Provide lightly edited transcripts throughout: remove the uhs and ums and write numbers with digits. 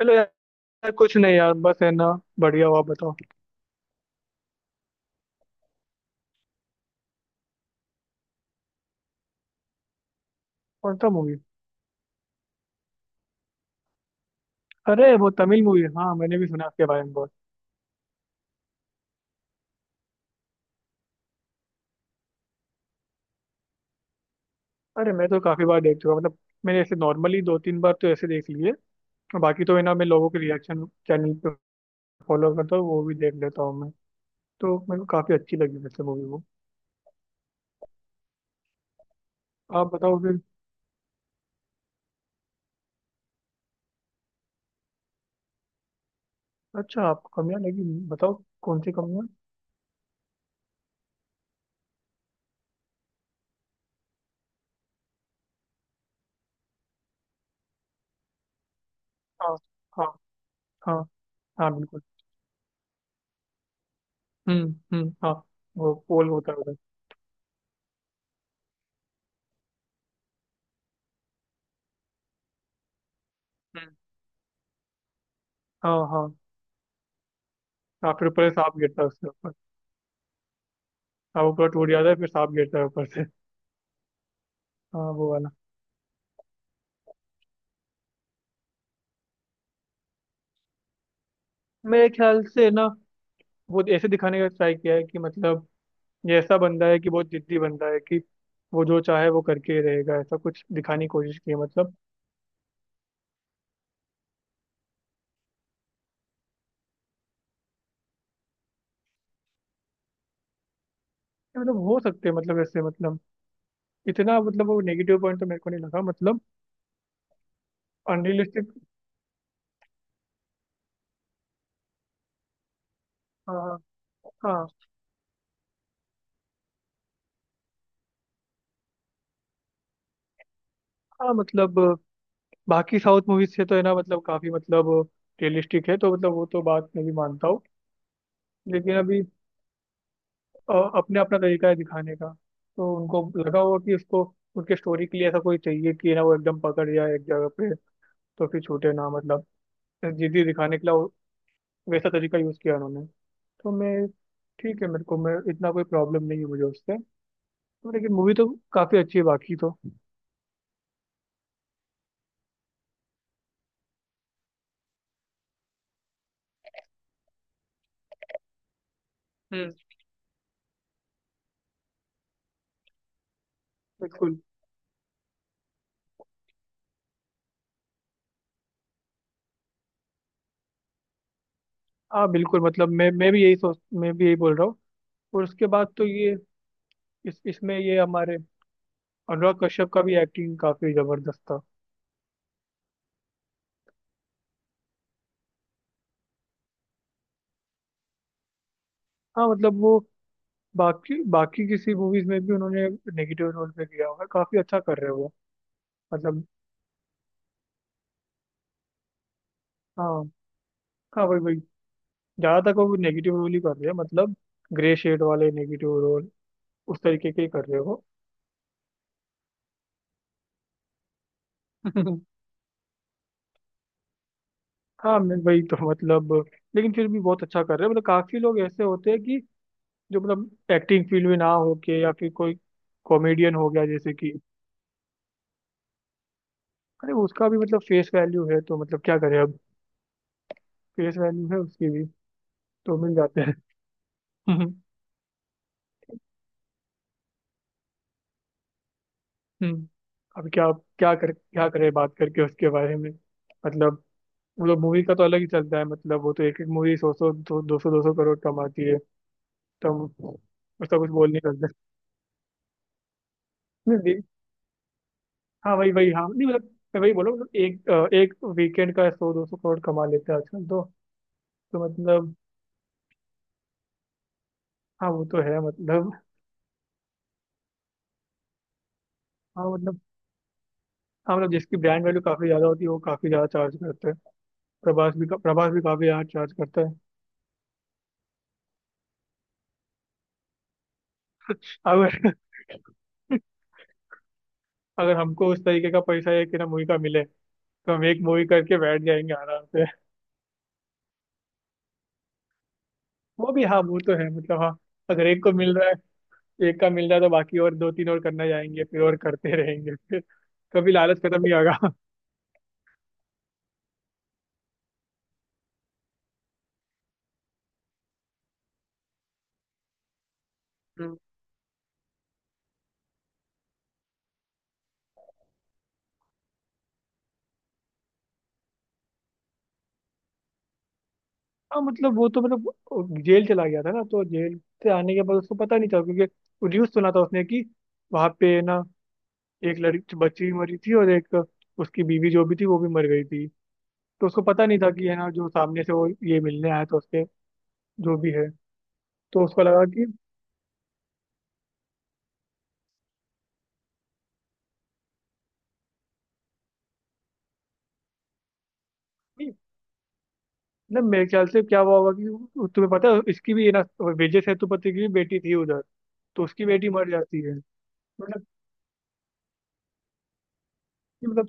चलो यार। कुछ नहीं यार, बस है ना। बढ़िया हुआ, बताओ। कौन सा मूवी? अरे वो तमिल मूवी, हाँ मैंने भी सुना उसके बारे में बहुत। अरे मैं तो काफी बार देख चुका हूँ, मतलब मैंने ऐसे नॉर्मली दो तीन बार तो ऐसे देख लिए। और बाकी तो है ना, मैं लोगों के रिएक्शन चैनल पे फॉलो करता हूँ, वो भी देख लेता हूँ मैं। तो मेरे को काफी अच्छी लगी वैसे मूवी वो। आप बताओ फिर। अच्छा, आपको कमियाँ लगी? बताओ कौन सी कमियाँ। हाँ। हाँ। हाँ। हाँ बिल्कुल। हम्म। हाँ। वो पोल होता है उधर। हम्म, हाँ हाँ। हाँ, फिर ऊपर से सांप गिरता है उसके ऊपर। हाँ, वो पूरा टूट जाता है, फिर सांप गिरता है ऊपर से। हाँ वो वाला। मेरे ख्याल से ना, वो ऐसे दिखाने का ट्राई किया है कि मतलब ये ऐसा बंदा है कि बहुत जिद्दी बंदा है कि वो जो चाहे वो करके ही रहेगा, ऐसा कुछ दिखाने की कोशिश की है मतलब। ये मतलब हो सकते हैं मतलब ऐसे मतलब इतना मतलब वो नेगेटिव पॉइंट तो मेरे को नहीं लगा मतलब अनरियलिस्टिक। हाँ हाँ। हाँ, हाँ, मतलब बाकी साउथ मूवीज से तो है ना मतलब काफी मतलब रियलिस्टिक है तो मतलब वो तो बात मैं भी मानता हूँ। लेकिन अभी अपने अपना तरीका है दिखाने का। तो उनको लगा होगा कि उसको उनके स्टोरी के लिए ऐसा कोई चाहिए कि ना वो एकदम पकड़ जाए एक जगह पे, तो फिर छूटे ना मतलब। जिद्दी दिखाने के लिए वैसा तरीका यूज किया उन्होंने। तो मैं ठीक है, मेरे को, मैं इतना कोई प्रॉब्लम नहीं है मुझे उससे। तो लेकिन मूवी तो काफी अच्छी है बाकी तो। हम्म। बिल्कुल। हाँ बिल्कुल मतलब मैं भी यही सोच मैं भी यही बोल रहा हूँ। और उसके बाद तो ये इस इसमें ये हमारे अनुराग कश्यप का भी एक्टिंग काफी जबरदस्त था। हाँ मतलब वो बाकी बाकी किसी मूवीज में भी उन्होंने नेगेटिव रोल पे किया हुआ है, काफी अच्छा कर रहे हैं वो। मतलब। हाँ हाँ, वही वही, ज्यादातर को नेगेटिव रोल ही कर रहे हैं मतलब ग्रे शेड वाले नेगेटिव रोल, उस तरीके के ही कर रहे हो। हाँ, मैं वही तो मतलब लेकिन फिर भी बहुत अच्छा कर रहे हैं मतलब। काफी लोग ऐसे होते हैं कि जो मतलब एक्टिंग फील्ड में ना हो के या फिर कोई कॉमेडियन हो गया जैसे कि, अरे, उसका भी मतलब फेस वैल्यू है, तो मतलब क्या करें अब। फेस वैल्यू है उसकी भी। तो मिल जाते हैं। हम्म। अब क्या, क्या कर क्या करे बात करके उसके बारे में मतलब। वो लोग मूवी का तो अलग ही चलता है मतलब वो तो एक एक मूवी सौ सौ, दो दो सौ, दो सौ करोड़ कमाती है। तो हम उसका कुछ बोल नहीं सकते। नहीं, नहीं, हाँ वही वही, हाँ, नहीं मतलब मैं वही बोलो मतलब एक वीकेंड का सौ दो सौ करोड़ कमा लेते हैं आजकल तो मतलब। हाँ वो तो है मतलब। हाँ मतलब। हाँ मतलब जिसकी ब्रांड वैल्यू काफी ज्यादा होती है वो काफी ज्यादा चार्ज करते हैं। प्रभास भी काफी ज्यादा चार्ज करता है। अगर अगर हमको उस तरीके का पैसा एक ना मूवी का मिले तो हम एक मूवी करके बैठ जाएंगे आराम से। वो भी, हाँ वो तो है मतलब। हाँ, अगर एक को मिल रहा है एक का मिल रहा है तो बाकी और दो तीन और करना जाएंगे फिर और करते रहेंगे फिर। कभी लालच खत्म नहीं होगा। हम्म। हाँ मतलब वो तो मतलब वो जेल चला गया था ना, तो जेल से आने के बाद उसको पता नहीं था क्योंकि न्यूज सुना था उसने कि वहां पे ना एक लड़की बच्ची भी मरी थी और एक उसकी बीवी जो भी थी वो भी मर गई थी। तो उसको पता नहीं था कि है ना जो सामने से वो ये मिलने आया था उसके, जो भी है, तो उसको लगा कि ना, मेरे ख्याल से क्या हुआ होगा कि तुम्हें पता है इसकी भी ये ना विजय सेतुपति की भी बेटी थी उधर, तो उसकी बेटी मर जाती है मतलब। कि मतलब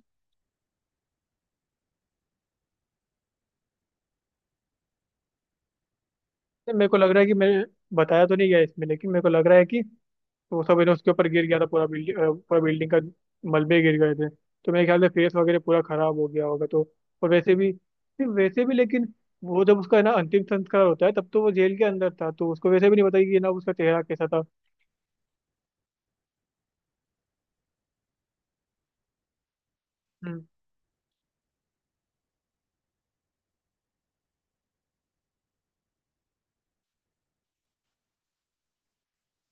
मेरे को लग रहा है कि मैंने बताया तो नहीं गया इसमें लेकिन मेरे को लग रहा है कि वो सब है ना उसके ऊपर गिर गया था पूरा बिल्डिंग, पूरा बिल्डिंग का मलबे गिर गए थे, तो मेरे ख्याल से फेस वगैरह पूरा खराब हो गया होगा तो। और वैसे भी, सिर्फ वैसे भी, लेकिन वो जब उसका है ना अंतिम संस्कार होता है तब तो वो जेल के अंदर था, तो उसको वैसे भी नहीं पता कि ये ना उसका चेहरा कैसा था। हम्म।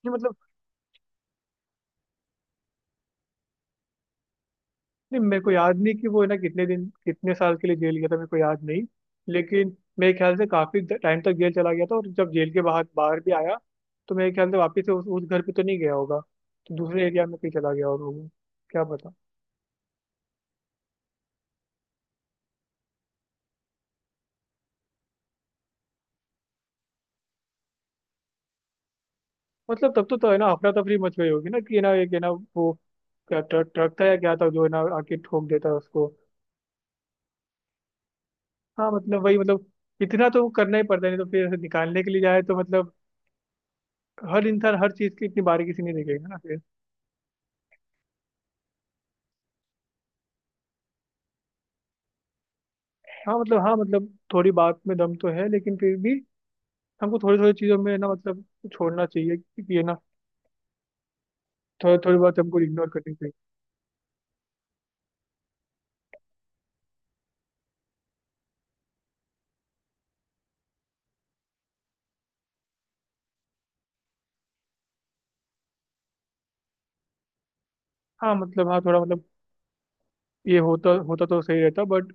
ये मतलब नहीं, मेरे को याद नहीं कि वो है ना कितने दिन कितने साल के लिए जेल गया था, मेरे को याद नहीं। लेकिन मेरे ख्याल से काफी टाइम तक जेल चला गया था और जब जेल के बाहर बाहर भी आया, तो मेरे ख्याल से वापस से उस घर पे तो नहीं गया होगा, तो दूसरे एरिया में कहीं चला गया होगा वो। क्या पता। मतलब तब तो है ना अफरा तफरी मच गई होगी ना कि है ना एक है ना वो, क्या ट्रक ट्रक था या क्या था जो है ना आके ठोक देता है उसको। हाँ मतलब वही मतलब इतना तो करना ही पड़ता है, नहीं तो फिर ऐसे निकालने के लिए जाए तो मतलब हर इंसान हर चीज की इतनी बारीकी से नहीं देखेगा ना। हाँ मतलब, हाँ मतलब थोड़ी बात में दम तो है लेकिन फिर भी हमको थोड़ी थोड़ी चीज़ों में ना मतलब छोड़ना चाहिए कि ये ना, थोड़ी थोड़ी बात हमको इग्नोर करनी चाहिए। हाँ मतलब, हाँ थोड़ा मतलब ये होता होता तो सही रहता, बट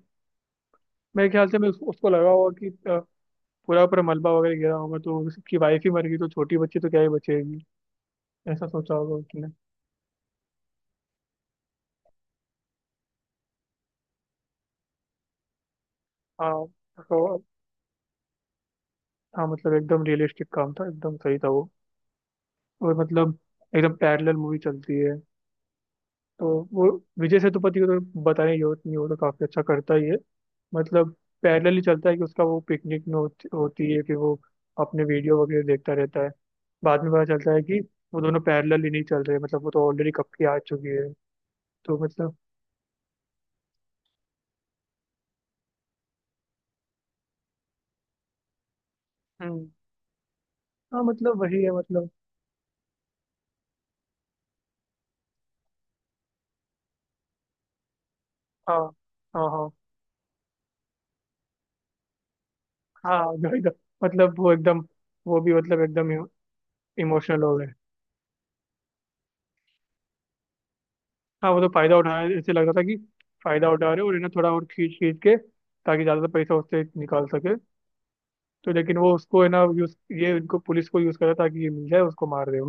मेरे ख्याल से मैं उसको लगा होगा कि पूरा पूरा मलबा वगैरह गिरा होगा तो उसकी वाइफ ही मर गई तो छोटी बच्ची तो क्या ही बचेगी, ऐसा सोचा होगा उसने। हाँ तो। हाँ मतलब एकदम रियलिस्टिक काम था, एकदम सही था वो। और मतलब एकदम पैरेलल मूवी चलती है तो वो विजय सेतुपति को तो बताने की जरूरत नहीं, वो तो काफ़ी अच्छा करता ही है मतलब। पैरेलल ही चलता है कि उसका वो पिकनिक में होती है कि वो अपने वीडियो वगैरह देखता रहता है। बाद में पता चलता है कि वो दोनों पैरेलल ही नहीं चल रहे, मतलब वो तो ऑलरेडी कब की आ चुकी है। तो मतलब हम्म। हाँ मतलब वही है मतलब। हाँ हाँ हाँ। हाँ जो एकदम, मतलब वो एकदम, वो भी मतलब एकदम इमोशनल हो गए। हाँ वो तो फायदा उठा रहे ऐसे लग रहा था कि फायदा उठा रहे और है ना थोड़ा और खींच खींच के, ताकि ज्यादा पैसा उससे निकाल सके। तो लेकिन वो उसको है ना यूज ये इनको पुलिस को यूज करा ताकि ये मिल जाए उसको मार दे।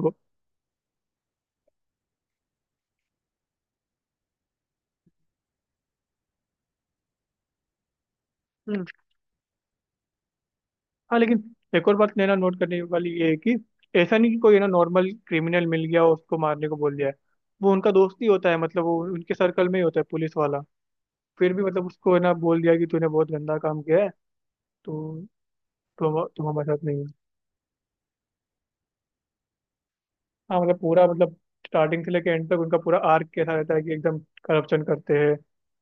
हम्म। हाँ लेकिन एक और बात लेना नोट करने वाली ये है कि ऐसा नहीं कि कोई है ना नॉर्मल क्रिमिनल मिल गया और उसको मारने को बोल दिया है, वो उनका दोस्त ही होता है मतलब वो उनके सर्कल में ही होता है पुलिस वाला, फिर भी मतलब उसको है ना बोल दिया कि तूने बहुत गंदा काम किया है, तो तुम हमारे साथ नहीं हो। हाँ मतलब पूरा मतलब स्टार्टिंग से लेके एंड तक उनका पूरा आर्क कैसा रहता है कि एकदम करप्शन करते हैं,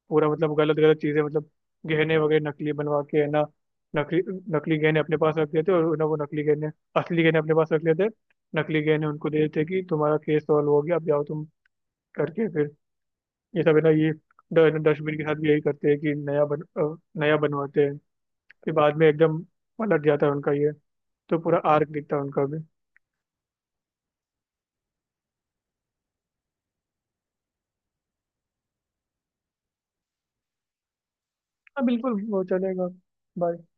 पूरा मतलब गलत गलत चीजें मतलब गहने वगैरह नकली बनवा के है ना, नकली, नकली गहने अपने पास रख लेते और ना वो नकली गहने, असली गहने अपने पास रख लेते, नकली गहने उनको दे देते कि तुम्हारा केस सॉल्व हो गया अब जाओ तुम, करके फिर ये सब है ना, ये डस्टबिन के साथ भी यही करते हैं कि नया बनवाते हैं, फिर बाद में एकदम पलट जाता है उनका ये तो पूरा आर्क दिखता है उनका भी। हाँ बिल्कुल वो चलेगा। Bye.